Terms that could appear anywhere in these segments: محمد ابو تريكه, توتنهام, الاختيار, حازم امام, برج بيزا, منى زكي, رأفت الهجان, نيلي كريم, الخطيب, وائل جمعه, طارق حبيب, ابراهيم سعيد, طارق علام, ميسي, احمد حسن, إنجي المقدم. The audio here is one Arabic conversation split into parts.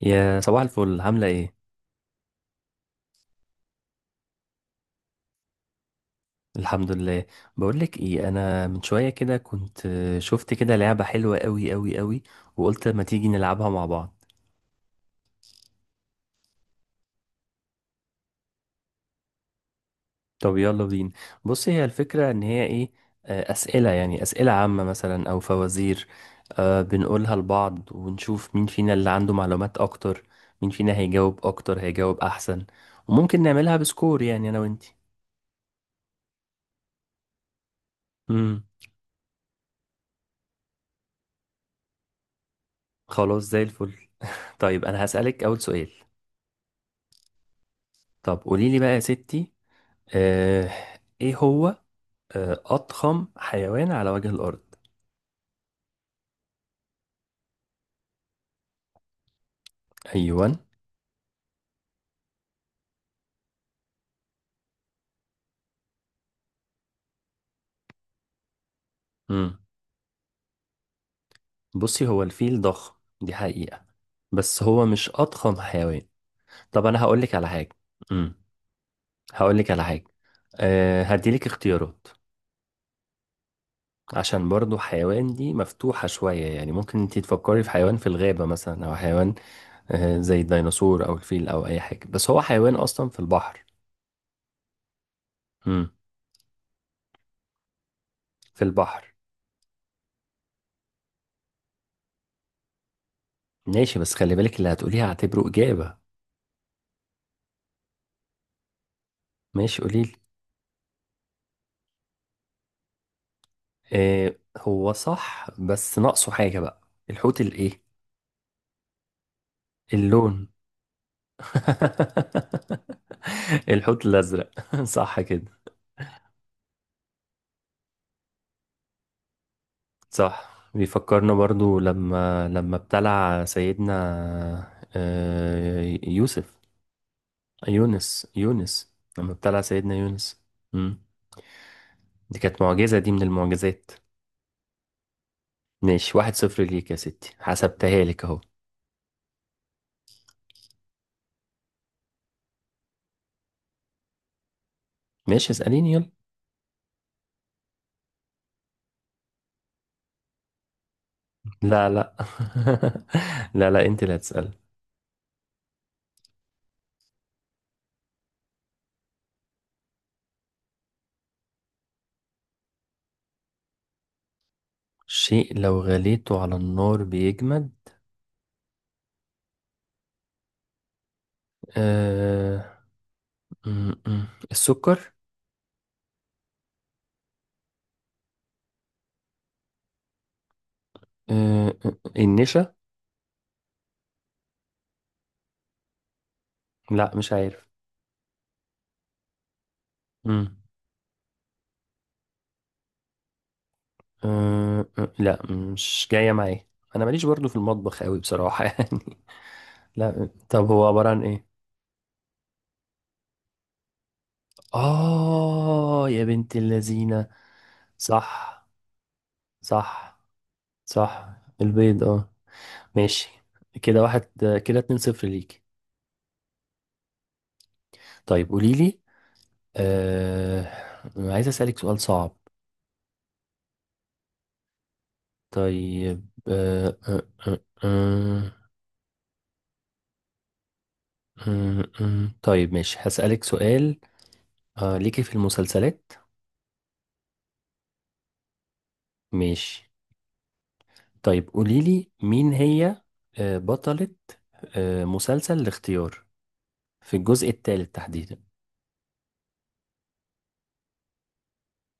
يا صباح الفل، عاملة ايه؟ الحمد لله. بقولك ايه، انا من شوية كده كنت شفت كده لعبة حلوة قوي قوي قوي، وقلت ما تيجي نلعبها مع بعض. طب يلا بينا. بص، هي الفكرة ان هي ايه. اسئلة، يعني اسئلة عامة مثلا او فوازير. بنقولها لبعض ونشوف مين فينا اللي عنده معلومات اكتر، مين فينا هيجاوب اكتر، هيجاوب احسن. وممكن نعملها بسكور، يعني انا وانتي. امم خلاص، زي الفل. طيب انا هسألك اول سؤال. طب قوليلي بقى يا ستي. آه، ايه هو اضخم حيوان على وجه الارض؟ ايوه. امم بصي، هو الفيل ضخم، دي حقيقة، بس هو مش اضخم حيوان. طب انا هقول لك على حاجة. امم هقول لك على حاجة. هديلك اختيارات. عشان برضو حيوان دي مفتوحة شوية، يعني ممكن انت تفكري في حيوان في الغابة مثلا، او حيوان زي الديناصور او الفيل او اي حاجة، بس هو حيوان اصلا في البحر. امم في البحر. ماشي، بس خلي بالك اللي هتقوليها هعتبره اجابة. ماشي قوليلي. إيه هو صح، بس ناقصه حاجة بقى. الحوت الايه؟ اللون الحوت الأزرق صح كده. صح، بيفكرنا برضو لما ابتلع سيدنا يوسف، يونس لما ابتلع سيدنا يونس. مم. دي كانت معجزة، دي من المعجزات. ماشي، 1-0 ليك يا ستي، حسبتها لك اهو. ماشي اسأليني يلا. لا، لا. لا، لا، انت اللي هتسألي. شيء لو غليته على النار بيجمد؟ آه... م- م. السكر. النشا. لا، مش عارف. م. آه... آه، لا، مش جاية معايا. انا ماليش برضو في المطبخ قوي بصراحة يعني. لا، طب هو عبارة عن ايه؟ اه يا بنت اللذينة! صح. صح. صح. البيض، اه. ماشي، كده واحد، كده 2-0 ليك. طيب قوليلي آه... عايز اسألك سؤال صعب. طيب، آه، آه، طيب ماشي هسألك سؤال. ليكي في المسلسلات؟ ماشي. طيب قوليلي مين هي بطلة مسلسل الاختيار في الجزء الثالث تحديدا؟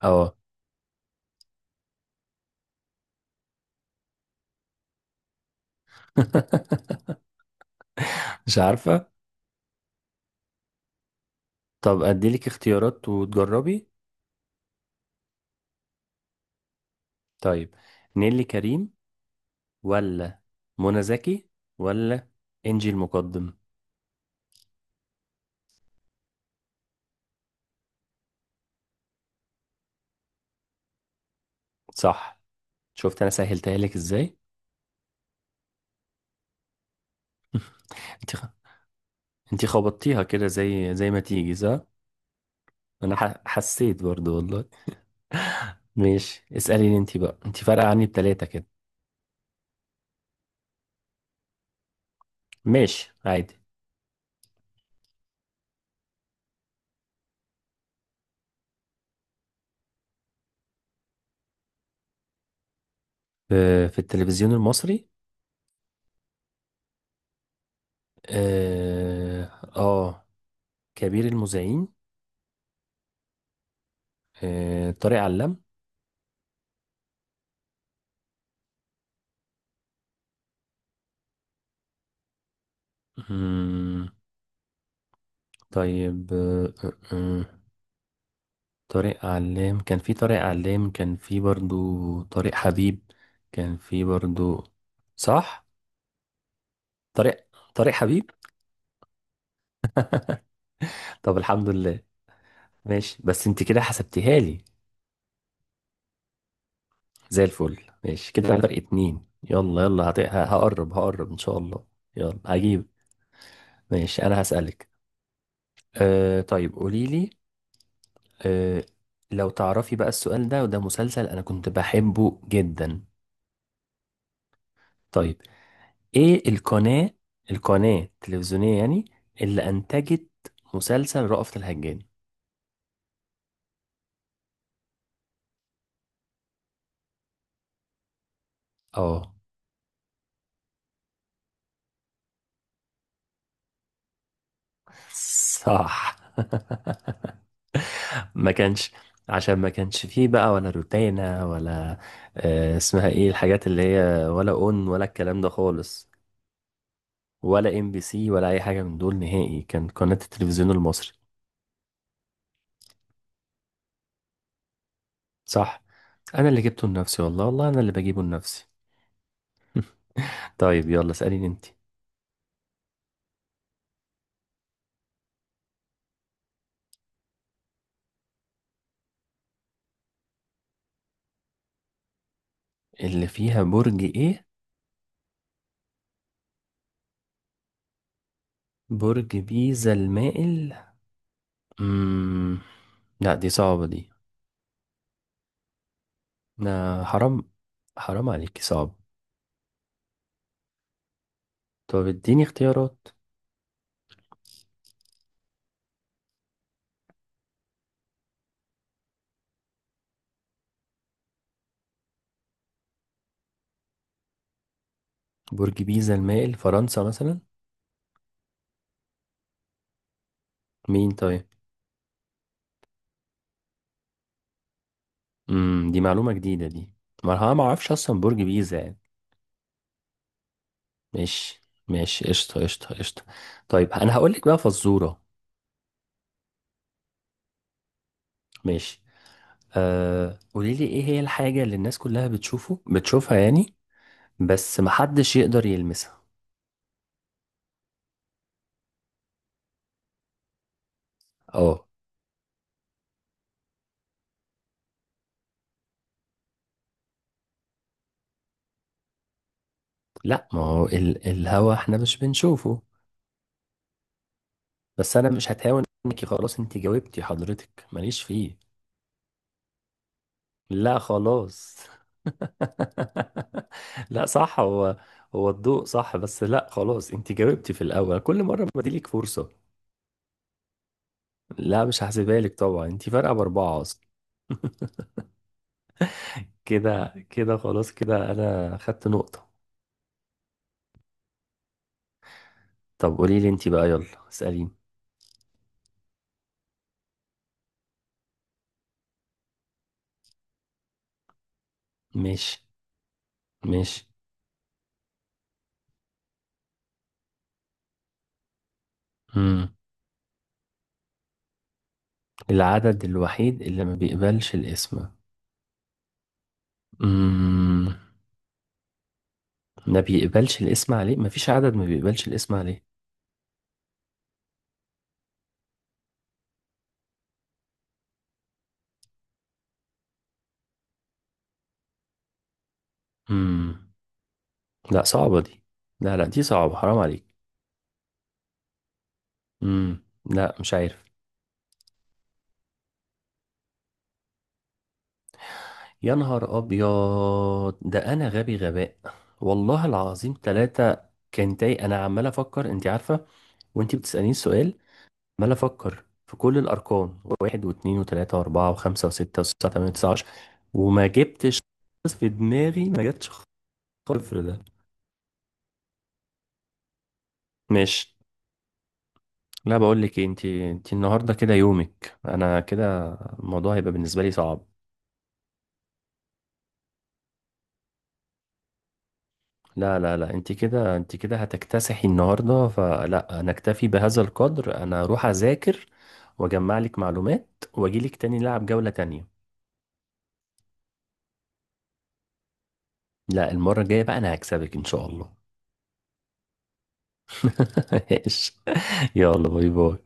اه. مش عارفة. طب أديلك اختيارات وتجربي. طيب، نيلي كريم، ولا منى زكي، ولا إنجي المقدم؟ صح. شفت أنا سهلتها لك إزاي. انت انتي خبطتيها كده زي ما تيجي، صح. انا حسيت برضو والله. ماشي اسأليني انتي بقى، انتي فارقة عني بتلاتة كده. ماشي عادي. في التلفزيون المصري؟ اه. آه كبير المذيعين؟ طارق علام؟ مم، طيب طارق علام كان في برضو. طارق حبيب كان في برضو. صح. طارق طارق حبيب. طب الحمد لله. ماشي، بس انت كده حسبتيها لي. زي الفل. ماشي كده، فرق اتنين. يلا، يلا، هت... ه- هقرب هقرب ان شاء الله. يلا هجيب. ماشي انا هسألك. طيب قولي لي، أه لو تعرفي بقى السؤال ده، وده مسلسل انا كنت بحبه جدا. طيب، ايه القناة، القناة التلفزيونية يعني، اللي انتجت مسلسل رأفت الهجان؟ اه. صح. ما كانش عشان ما كانش فيه بقى ولا روتانا، ولا اسمها ايه الحاجات اللي هي، ولا اون، ولا الكلام ده خالص، ولا ام بي سي، ولا اي حاجه من دول نهائي، كان قناه التلفزيون المصري. صح، انا اللي جبته لنفسي والله، والله انا اللي بجيبه لنفسي. طيب يلا اساليني انت. اللي فيها برج ايه؟ برج بيزا المائل؟ امم لا، دي صعبه دي. لا، حرام، حرام عليكي، صعب. طب اديني اختيارات. برج بيزا المائل فرنسا مثلا؟ مين طيب؟ دي معلومة جديدة دي، ما انا ما اعرفش اصلا برج بيزا يعني. ماشي، ماشي، قشطة، قشطة، قشطة. طيب انا هقول لك بقى فزورة. ماشي. قولي لي، ايه هي الحاجة اللي الناس كلها بتشوفها يعني، بس محدش يقدر يلمسها؟ اه. لا، ما هو الهوا احنا مش بنشوفه. بس انا مش هتهاون، انك خلاص انت جاوبتي، حضرتك ماليش فيه. لا خلاص. لا، صح هو، هو الضوء، صح، بس لا خلاص، انت جاوبتي في الاول، كل مره بدي لك فرصه. لا، مش هحسبها لك طبعا، انت فارقه باربعه اصلا. كده كده خلاص، كده انا خدت نقطه. طب قولي لي انت بقى، يلا اساليني. ماشي. ماشي. امم العدد الوحيد اللي ما بيقبلش الاسم؟ امم ما بيقبلش الاسم عليه؟ ما فيش عدد ما بيقبلش الاسم عليه. امم لا، صعبة دي، لا، لا، دي صعبة، حرام عليك. لا، مش عارف. يا نهار ابيض! ده انا غبي غباء. والله العظيم، ثلاثة! كان تاي، انا عمال افكر، انت عارفة، وانت بتسأليني السؤال، عمال افكر في كل الارقام، واحد واثنين وثلاثة واربعة وخمسة وستة وسبعة وثمانية وتسعة وعشرة، وما جبتش خالص، في دماغي ما جاتش صفر ده. ماشي. لا، بقول لك، انت النهارده كده يومك، انا كده الموضوع هيبقى بالنسبة لي صعب. لا، لا، لا، انت كده، انت كده هتكتسحي النهارده، فلا، انا اكتفي بهذا القدر، انا اروح اذاكر واجمع لك معلومات، واجي لك تاني نلعب جولة تانية. لا، المرة الجاية بقى انا هكسبك ان شاء الله. ماشي. يلا، باي باي.